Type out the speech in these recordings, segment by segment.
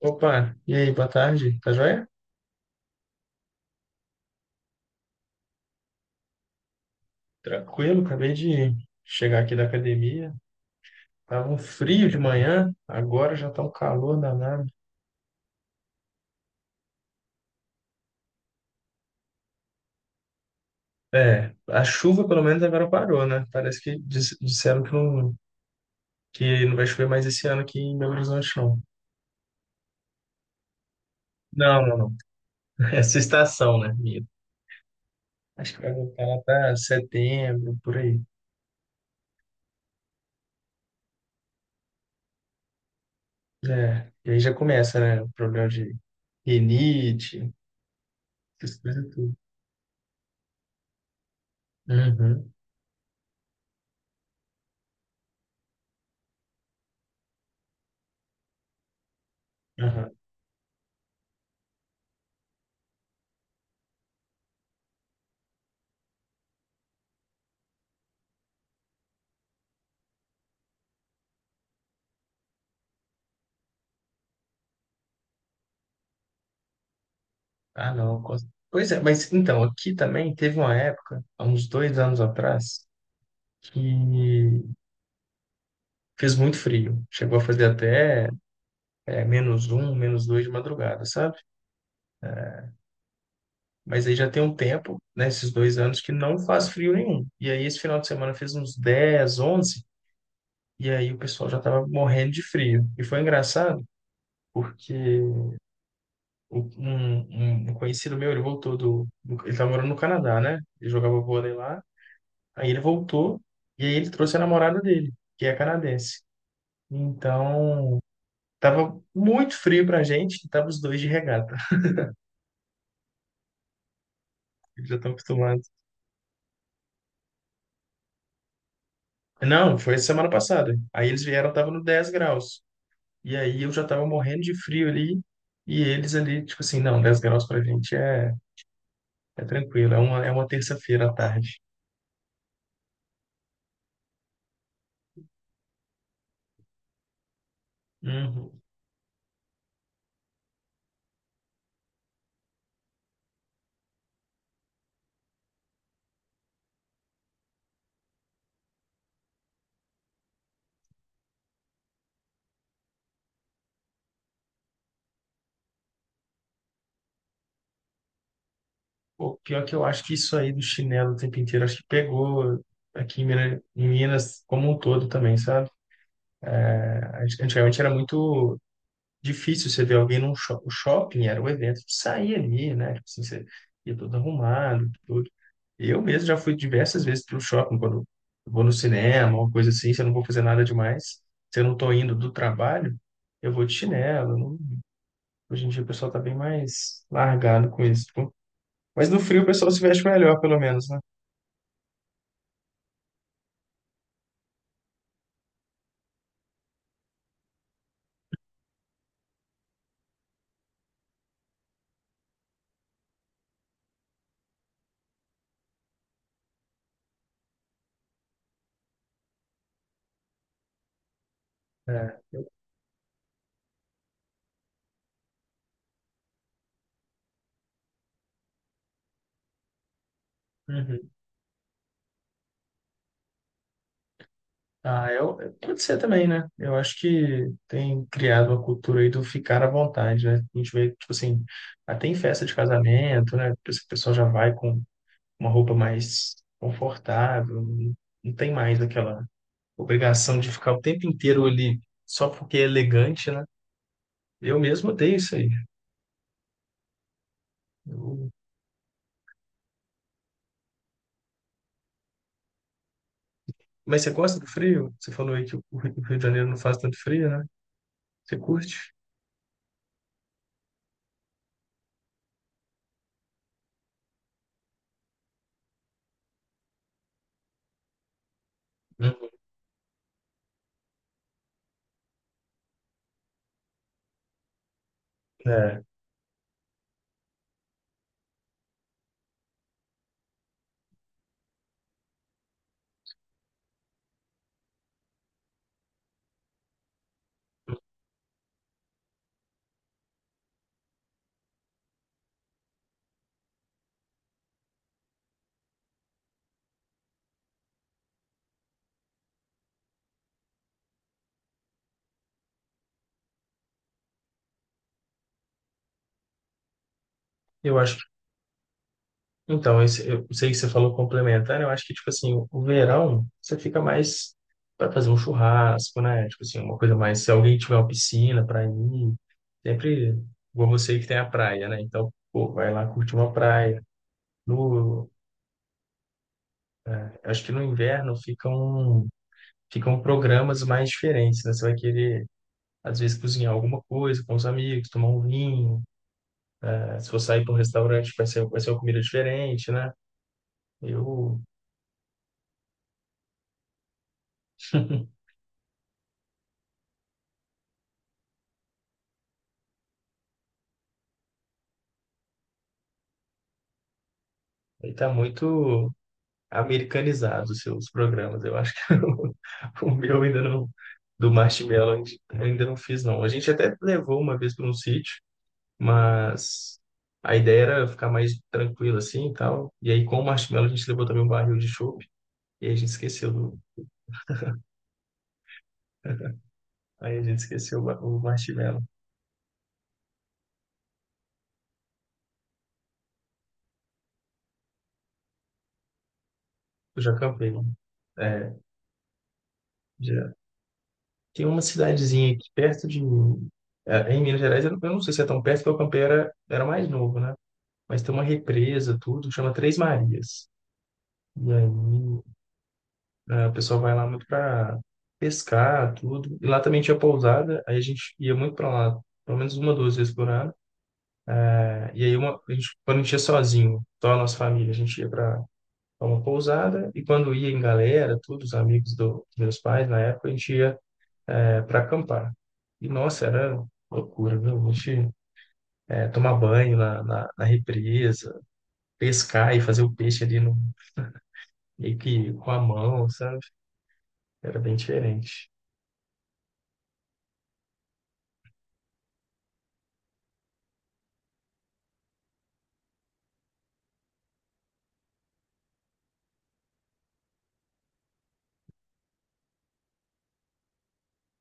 Opa, e aí, boa tarde, tá joia? Tranquilo, acabei de chegar aqui da academia. Tava um frio de manhã, agora já tá um calor danado. É, a chuva pelo menos agora parou, né? Parece que disseram que não vai chover mais esse ano aqui em Belo Horizonte, não. Não, não, não. Essa estação, né, minha? Acho que vai voltar lá para setembro, por aí. É, e aí já começa, né? O problema de rinite, essas coisas tudo. Uhum. Aham. Ah, não. Pois é, mas então, aqui também teve uma época, há uns 2 anos atrás, que fez muito frio. Chegou a fazer até menos um, menos dois de madrugada, sabe? Mas aí já tem um tempo, né, esses 2 anos, que não faz frio nenhum. E aí esse final de semana fez uns 10, 11, e aí o pessoal já tava morrendo de frio. E foi engraçado, porque o- um, um conhecido meu, ele voltou ele tá morando no Canadá, né? Ele jogava vôlei lá. Aí ele voltou e aí ele trouxe a namorada dele, que é canadense. Então, tava muito frio pra gente, e tava os dois de regata. Eles já estão acostumados. Não, foi semana passada. Aí eles vieram, tava no 10 graus. E aí eu já tava morrendo de frio ali. E eles ali, tipo assim, não, 10 graus pra gente é, é tranquilo, é uma terça-feira à tarde. Uhum. Pô, pior que eu acho que isso aí do chinelo o tempo inteiro, acho que pegou aqui em Minas como um todo também, sabe? Antigamente era muito difícil você ver alguém num shopping. O shopping era o evento de sair ali, né? Tipo assim, você ia todo arrumado, tudo. Eu mesmo já fui diversas vezes para o shopping, quando eu vou no cinema, uma coisa assim, se eu não vou fazer nada demais, se eu não estou indo do trabalho, eu vou de chinelo. Hoje em dia o pessoal tá bem mais largado com isso, tipo. Mas no frio o pessoal se veste melhor, pelo menos, né? É. Uhum. Ah, eu, pode ser também, né? Eu acho que tem criado uma cultura aí do ficar à vontade, né? A gente vê, tipo assim, até em festa de casamento, né? Esse pessoal já vai com uma roupa mais confortável, não tem mais aquela obrigação de ficar o tempo inteiro ali só porque é elegante, né? Eu mesmo odeio isso aí. Eu- Mas você gosta do frio? Você falou aí que o Rio de Janeiro não faz tanto frio, né? Você curte? Uhum. É, eu acho. Então, esse, eu sei que você falou complementar, eu acho que, tipo assim, o verão, você fica mais para fazer um churrasco, né? Tipo assim, uma coisa mais. Se alguém tiver uma piscina para ir, sempre igual você que tem a praia, né? Então, pô, vai lá curtir uma praia. No, acho que no inverno ficam, ficam programas mais diferentes, né? Você vai querer, às vezes, cozinhar alguma coisa com os amigos, tomar um vinho, né? Se for sair para um restaurante, vai ser uma comida diferente, né? Eu. Aí tá muito americanizado os seus programas. Eu acho que o meu ainda não, do Marshmallow, eu ainda não fiz, não. A gente até levou uma vez para um sítio, mas a ideia era ficar mais tranquilo assim e tal. E aí, com o Marshmallow, a gente levou também um barril de chopp, e aí a gente esqueceu do. Aí a gente esqueceu o Marshmallow. Eu já campei, né? É, já. Tem uma cidadezinha aqui perto de mim. É, em Minas Gerais, eu não sei se é tão perto, porque o campei era mais novo, né? Mas tem uma represa, tudo, que chama Três Marias. E aí a pessoa vai lá muito para pescar, tudo. E lá também tinha pousada, aí a gente ia muito para lá, pelo menos uma, duas vezes por ano. É. E aí a gente, quando a gente ia sozinho, só a nossa família, a gente ia para uma pousada e quando ia em galera, todos os amigos do, dos meus pais na época, a gente ia para acampar. E nossa, era loucura, viu? A gente é, tomar banho na represa, pescar e fazer o peixe ali no, meio que com a mão, sabe? Era bem diferente.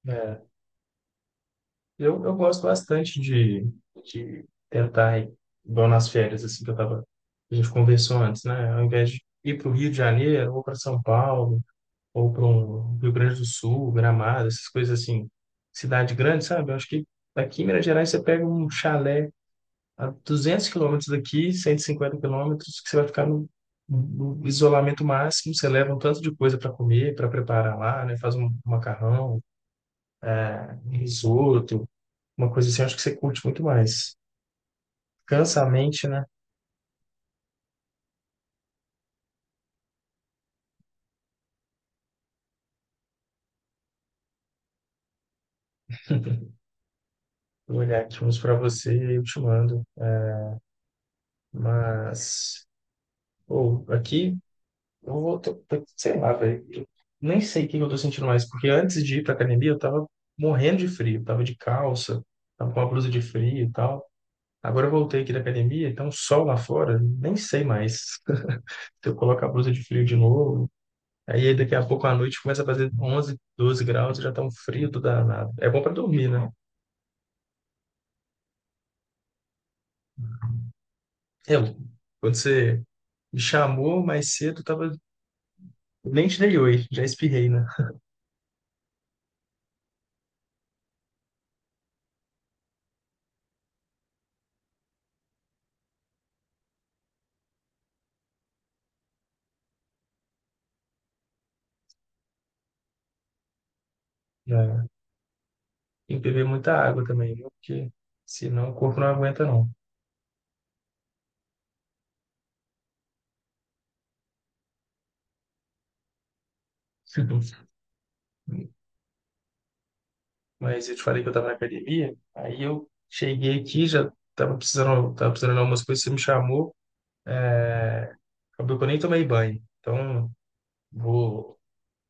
É. Eu gosto bastante de tentar ir, igual nas férias, assim, que eu tava, a gente conversou antes, né? Ao invés de ir para o Rio de Janeiro, ou para São Paulo, ou para um Rio Grande do Sul, Gramado, essas coisas assim, cidade grande, sabe? Eu acho que aqui em Minas Gerais você pega um chalé a 200 km daqui, 150 km, que você vai ficar no, no isolamento máximo, você leva um tanto de coisa para comer, para preparar lá, né? Faz um macarrão, um risoto, uma coisa assim, eu acho que você curte muito mais. Cansa a mente, né? Eu vou olhar aqui uns para você e eu te mando. Mas, ou aqui, eu vou, sei lá, velho. Eu nem sei o que que eu tô sentindo mais, porque antes de ir pra academia eu tava morrendo de frio, tava de calça, tava com uma blusa de frio e tal. Agora eu voltei aqui da academia, então um sol lá fora, nem sei mais. Se eu coloco a blusa de frio de novo, aí daqui a pouco à noite começa a fazer 11, 12 graus, já tá um frio do danado. É bom pra dormir, né? Eu, quando você me chamou mais cedo, tava. Nem te dei oi, já espirrei, né? É, tem que beber muita água também, viu? Porque senão o corpo não aguenta, não. Mas eu te falei que eu tava na academia, aí eu cheguei aqui, já tava precisando de algumas coisas, você me chamou, acabou que eu nem tomei banho. Então, vou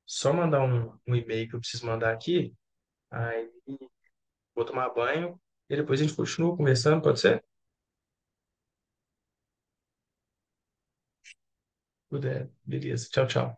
só mandar um e-mail que eu preciso mandar aqui, aí vou tomar banho e depois a gente continua conversando, pode ser? Puder. Beleza, tchau, tchau.